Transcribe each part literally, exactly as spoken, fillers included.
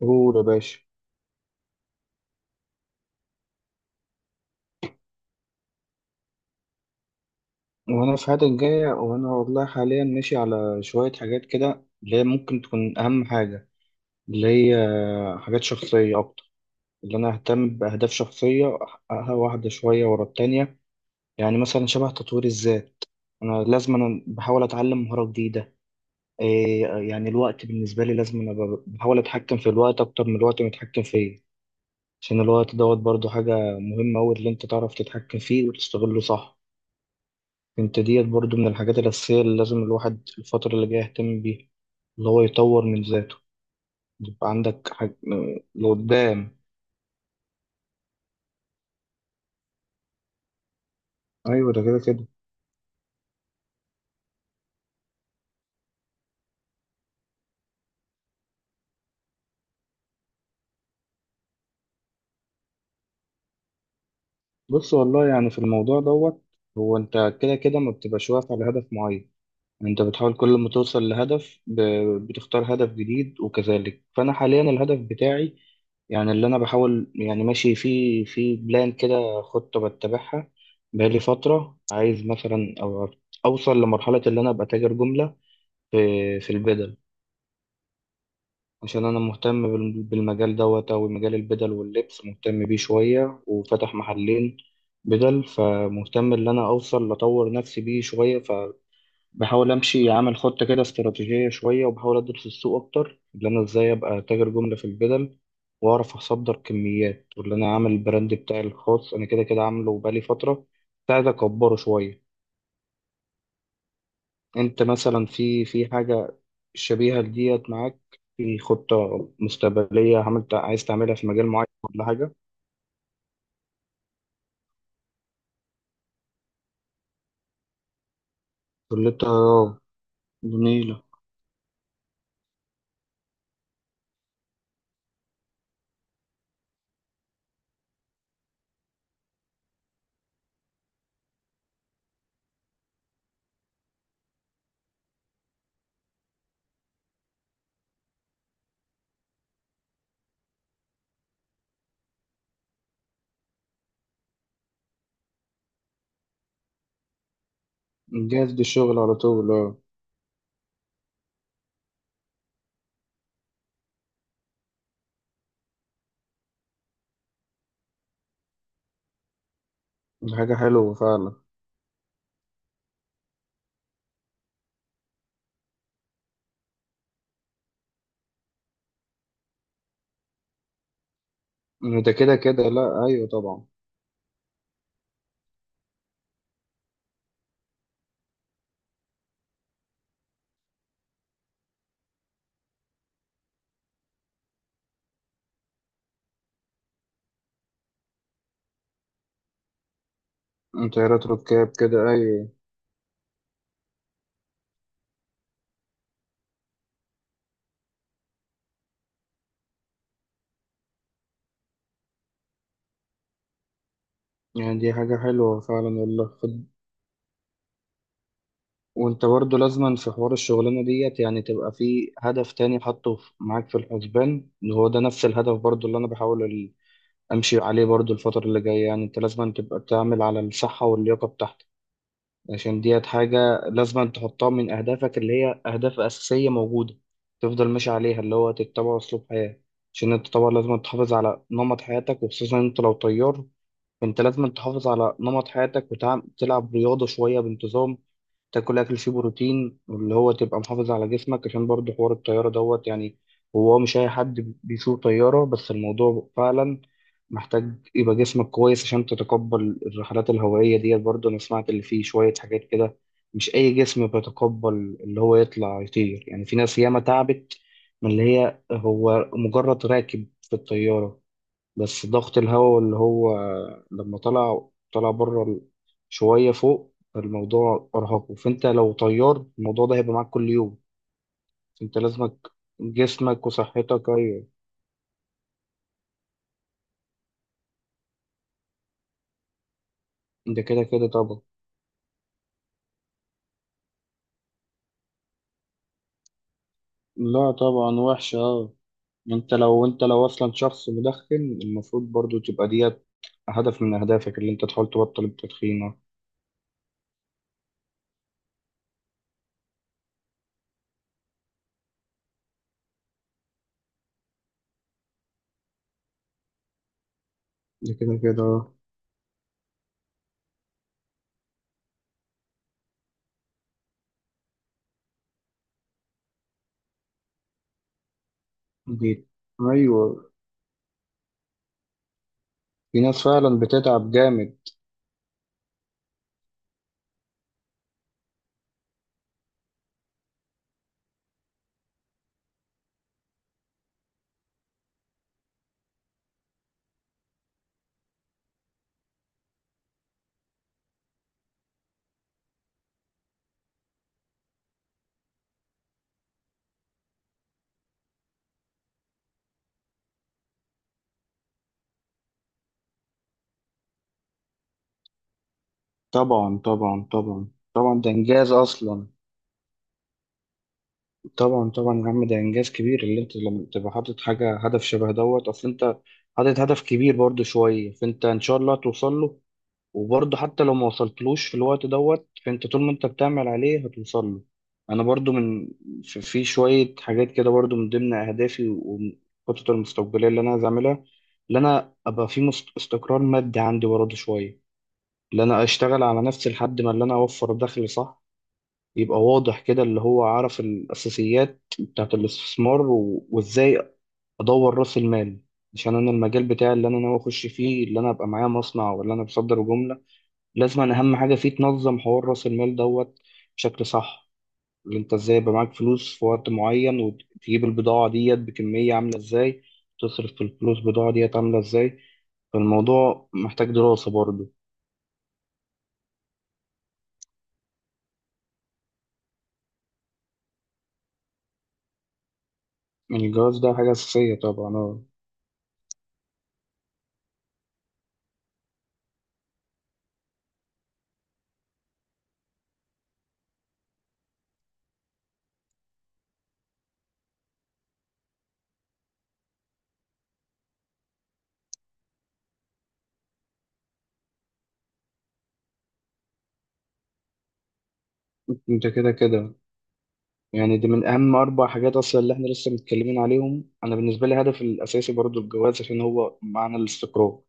قول يا باشا. وانا في حياتي الجاية، وانا والله حاليا ماشي على شوية حاجات كده اللي هي ممكن تكون اهم حاجة، اللي هي حاجات شخصية اكتر، اللي انا اهتم باهداف شخصية احققها واحدة شوية ورا التانية. يعني مثلا شبه تطوير الذات، انا لازم، انا بحاول اتعلم مهارة جديدة. إيه يعني الوقت بالنسبة لي، لازم انا ب- بحاول اتحكم في الوقت اكتر من الوقت متحكم فيه. عشان الوقت دوت برضو حاجة مهمة أوي، اللي أنت تعرف تتحكم فيه وتستغله صح. انت ديت برضو من الحاجات الأساسية اللي لازم الواحد الفترة اللي جاية يهتم بيها، اللي هو يطور من ذاته، يبقى عندك حاج... لقدام. أيوة، ده كده كده. بص والله، يعني في الموضوع دوت، هو أنت كده كده ما بتبقاش واقف على هدف معين، أنت بتحاول كل ما توصل لهدف ب... بتختار هدف جديد وكذلك. فأنا حاليا الهدف بتاعي، يعني اللي أنا بحاول، يعني ماشي في في بلان كده، خطة بتبعها بقالي فترة، عايز مثلا أو أوصل لمرحلة اللي أنا أبقى تاجر جملة في في البدل. عشان أنا مهتم بال- بالمجال دوت، أو مجال البدل واللبس مهتم بيه شوية وفتح محلين بدل، فمهتم إن أنا أوصل لأطور نفسي بيه شوية. فبحاول أمشي أعمل خطة كده استراتيجية شوية، وبحاول أدرس السوق أكتر إن أنا إزاي أبقى تاجر جملة في البدل، وأعرف أصدر كميات، وإن أنا أعمل البراند بتاعي الخاص. أنا كده كده عامله بقالي فترة، ساعد أكبره شوية. انت مثلا في في حاجة شبيهة لديت معاك، في خطة مستقبلية عملت عايز تعملها في مجال معين ولا حاجة؟ تقول لي اه. جميلة. جاهز للشغل على طول، اه. دي حاجة حلوة فعلا. ده كده كده، لا ايوه طبعا. طيارات ركاب كده، ايوه. يعني دي حاجة حلوة فعلا والله، خد. وانت برضه لازما في حوار الشغلانة ديت، يعني تبقى في هدف تاني حاطه في- معاك في الحسبان، اللي هو ده نفس الهدف برضه اللي انا بحاول امشي عليه برضو الفترة اللي جاية. يعني انت لازم تبقى تعمل على الصحة واللياقة بتاعتك، عشان ديت حاجة لازم تحطها من اهدافك، اللي هي اهداف اساسية موجودة تفضل ماشي عليها، اللي هو تتبع اسلوب حياة. عشان انت طبعا لازم تحافظ على نمط حياتك، وخصوصا انت لو طيار، فانت لازم تحافظ على نمط حياتك وتلعب رياضة شوية بانتظام، تاكل اكل فيه بروتين، واللي هو تبقى محافظ على جسمك، عشان برضه حوار الطياره دوت، يعني هو مش اي حد بيسوق طياره، بس الموضوع فعلا محتاج يبقى جسمك كويس عشان تتقبل الرحلات الهوائيه ديت. برضه انا سمعت اللي فيه شويه حاجات كده، مش اي جسم بيتقبل اللي هو يطلع يطير. يعني في ناس ياما تعبت من اللي هي هو مجرد راكب في الطياره، بس ضغط الهواء اللي هو لما طلع طلع بره ال- شوية فوق، الموضوع أرهقه. فأنت لو طيار، الموضوع ده هيبقى معاك كل يوم. أنت لازمك جسمك وصحتك، أيوة. ده كده كده طبعا. لا طبعا، وحشة، أه. أنت لو، أنت لو أصلا شخص مدخن، المفروض برضو تبقى ديت هدف من أهدافك اللي أنت تحاول تبطل التدخين، اه. ده كده كده، أه. دي، أيوة. في ناس فعلا بتتعب جامد. طبعا طبعا طبعا. طبعا ده إنجاز أصلا. طبعا طبعا يا عم، ده انجاز كبير اللي انت لما تبقى حاطط حاجه هدف شبه دوت، اصل انت حاطط هدف كبير برضه شويه، فانت ان شاء الله هتوصل له. وبرضه حتى لو ما وصلتلوش في الوقت دوت، فانت طول ما انت بتعمل عليه هتوصل له. انا برضه من، في في شويه حاجات كده برضه من ضمن اهدافي والخطط المستقبليه اللي انا عايز اعملها، اللي انا ابقى في مست- استقرار مادي عندي برضه شويه، اللي انا اشتغل على نفسي لحد ما اللي انا اوفر دخل صح، يبقى واضح كده اللي هو عارف الأساسيات بتاعت الاستثمار و... وإزاي أدور رأس المال. عشان أنا المجال بتاعي اللي أنا ناوي أخش فيه، اللي أنا أبقى معايا مصنع ولا أنا بصدر جملة، لازم أنا أهم حاجة فيه تنظم حوار رأس المال دوت بشكل صح، اللي أنت إزاي يبقى معاك فلوس في وقت معين وتجيب البضاعة ديت بكمية عاملة إزاي، تصرف في الفلوس البضاعة ديت عاملة إزاي. فالموضوع محتاج دراسة برضه. يعني الجواز ده حاجة أساسية طبعا، آه. أنت كده كده، يعني دي من أهم أربع حاجات أصلا اللي إحنا لسه متكلمين عليهم. أنا بالنسبة لي الهدف الأساسي برضو الجواز، عشان هو معنى الاستقرار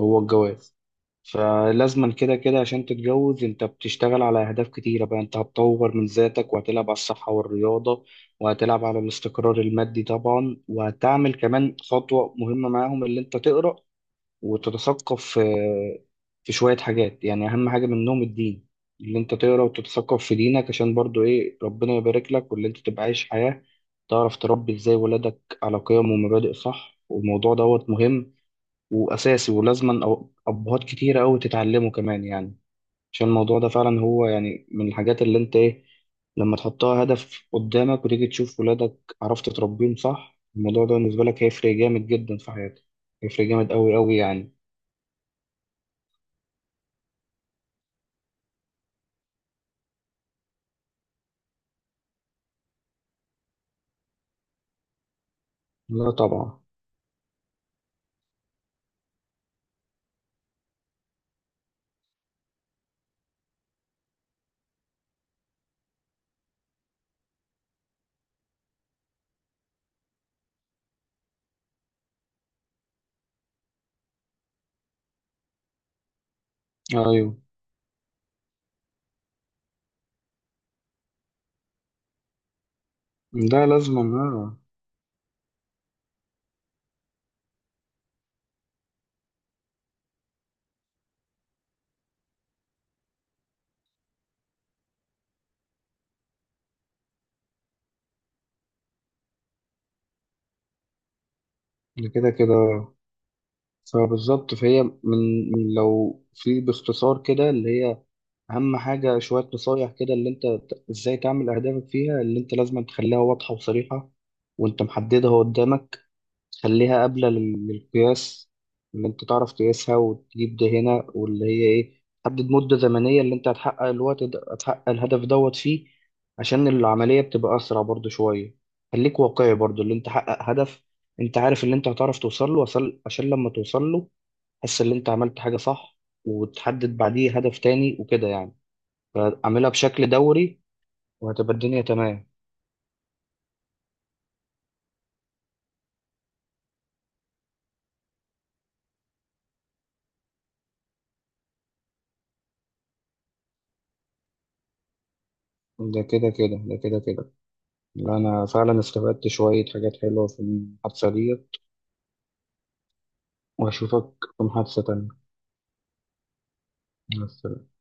هو الجواز. فلازما كده كده عشان تتجوز أنت بتشتغل على أهداف كتيرة بقى، أنت هتطور من ذاتك، وهتلعب على الصحة والرياضة، وهتلعب على الاستقرار المادي طبعا، وهتعمل كمان خطوة مهمة معاهم اللي أنت تقرأ وتتثقف في في شوية حاجات، يعني أهم حاجة منهم الدين، اللي أنت تقرأ وتتثقف في دينك، عشان برضو إيه ربنا يبارك لك، واللي أنت تبقى عايش حياة تعرف تربي إزاي ولادك على قيم ومبادئ صح. والموضوع دوت مهم وأساسي، ولازما أو- أبهات كتيرة أوي تتعلمه كمان يعني. عشان الموضوع ده فعلا هو يعني من الحاجات اللي أنت إيه، لما تحطها هدف قدامك وتيجي تشوف ولادك عرفت تربيهم صح، الموضوع ده بالنسبة لك هيفرق جامد جدا في حياتك. هيفرق جامد أوي أوي يعني. لا طبعا. ايوه، ده لازم، آه. ده كده كده. فبالظبط، فهي من من لو في باختصار كده اللي هي اهم حاجه شويه نصايح كده، اللي انت ت- ازاي تعمل اهدافك فيها، اللي انت لازم تخليها واضحه وصريحه وانت محددها قدامك، خليها قابلة لل- للقياس، إن أنت تعرف تقيسها وتجيب ده هنا. واللي هي إيه، حدد مدة زمنية اللي أنت هتحقق الوقت ده هتحقق الهدف دوت فيه، عشان العملية بتبقى أسرع برضو شوية. خليك واقعي برضو، اللي أنت حقق هدف أنت عارف اللي أنت هتعرف توصل له وصل، عشان لما توصل له تحس إن أنت عملت حاجة صح، وتحدد بعديه هدف تاني وكده يعني. فأعملها بشكل دوري وهتبقى الدنيا تمام. ده كده كده، ده كده كده. لا أنا فعلا استفدت شوية حاجات حلوة في المحادثة دي. وأشوفك في محادثة تانية. بس.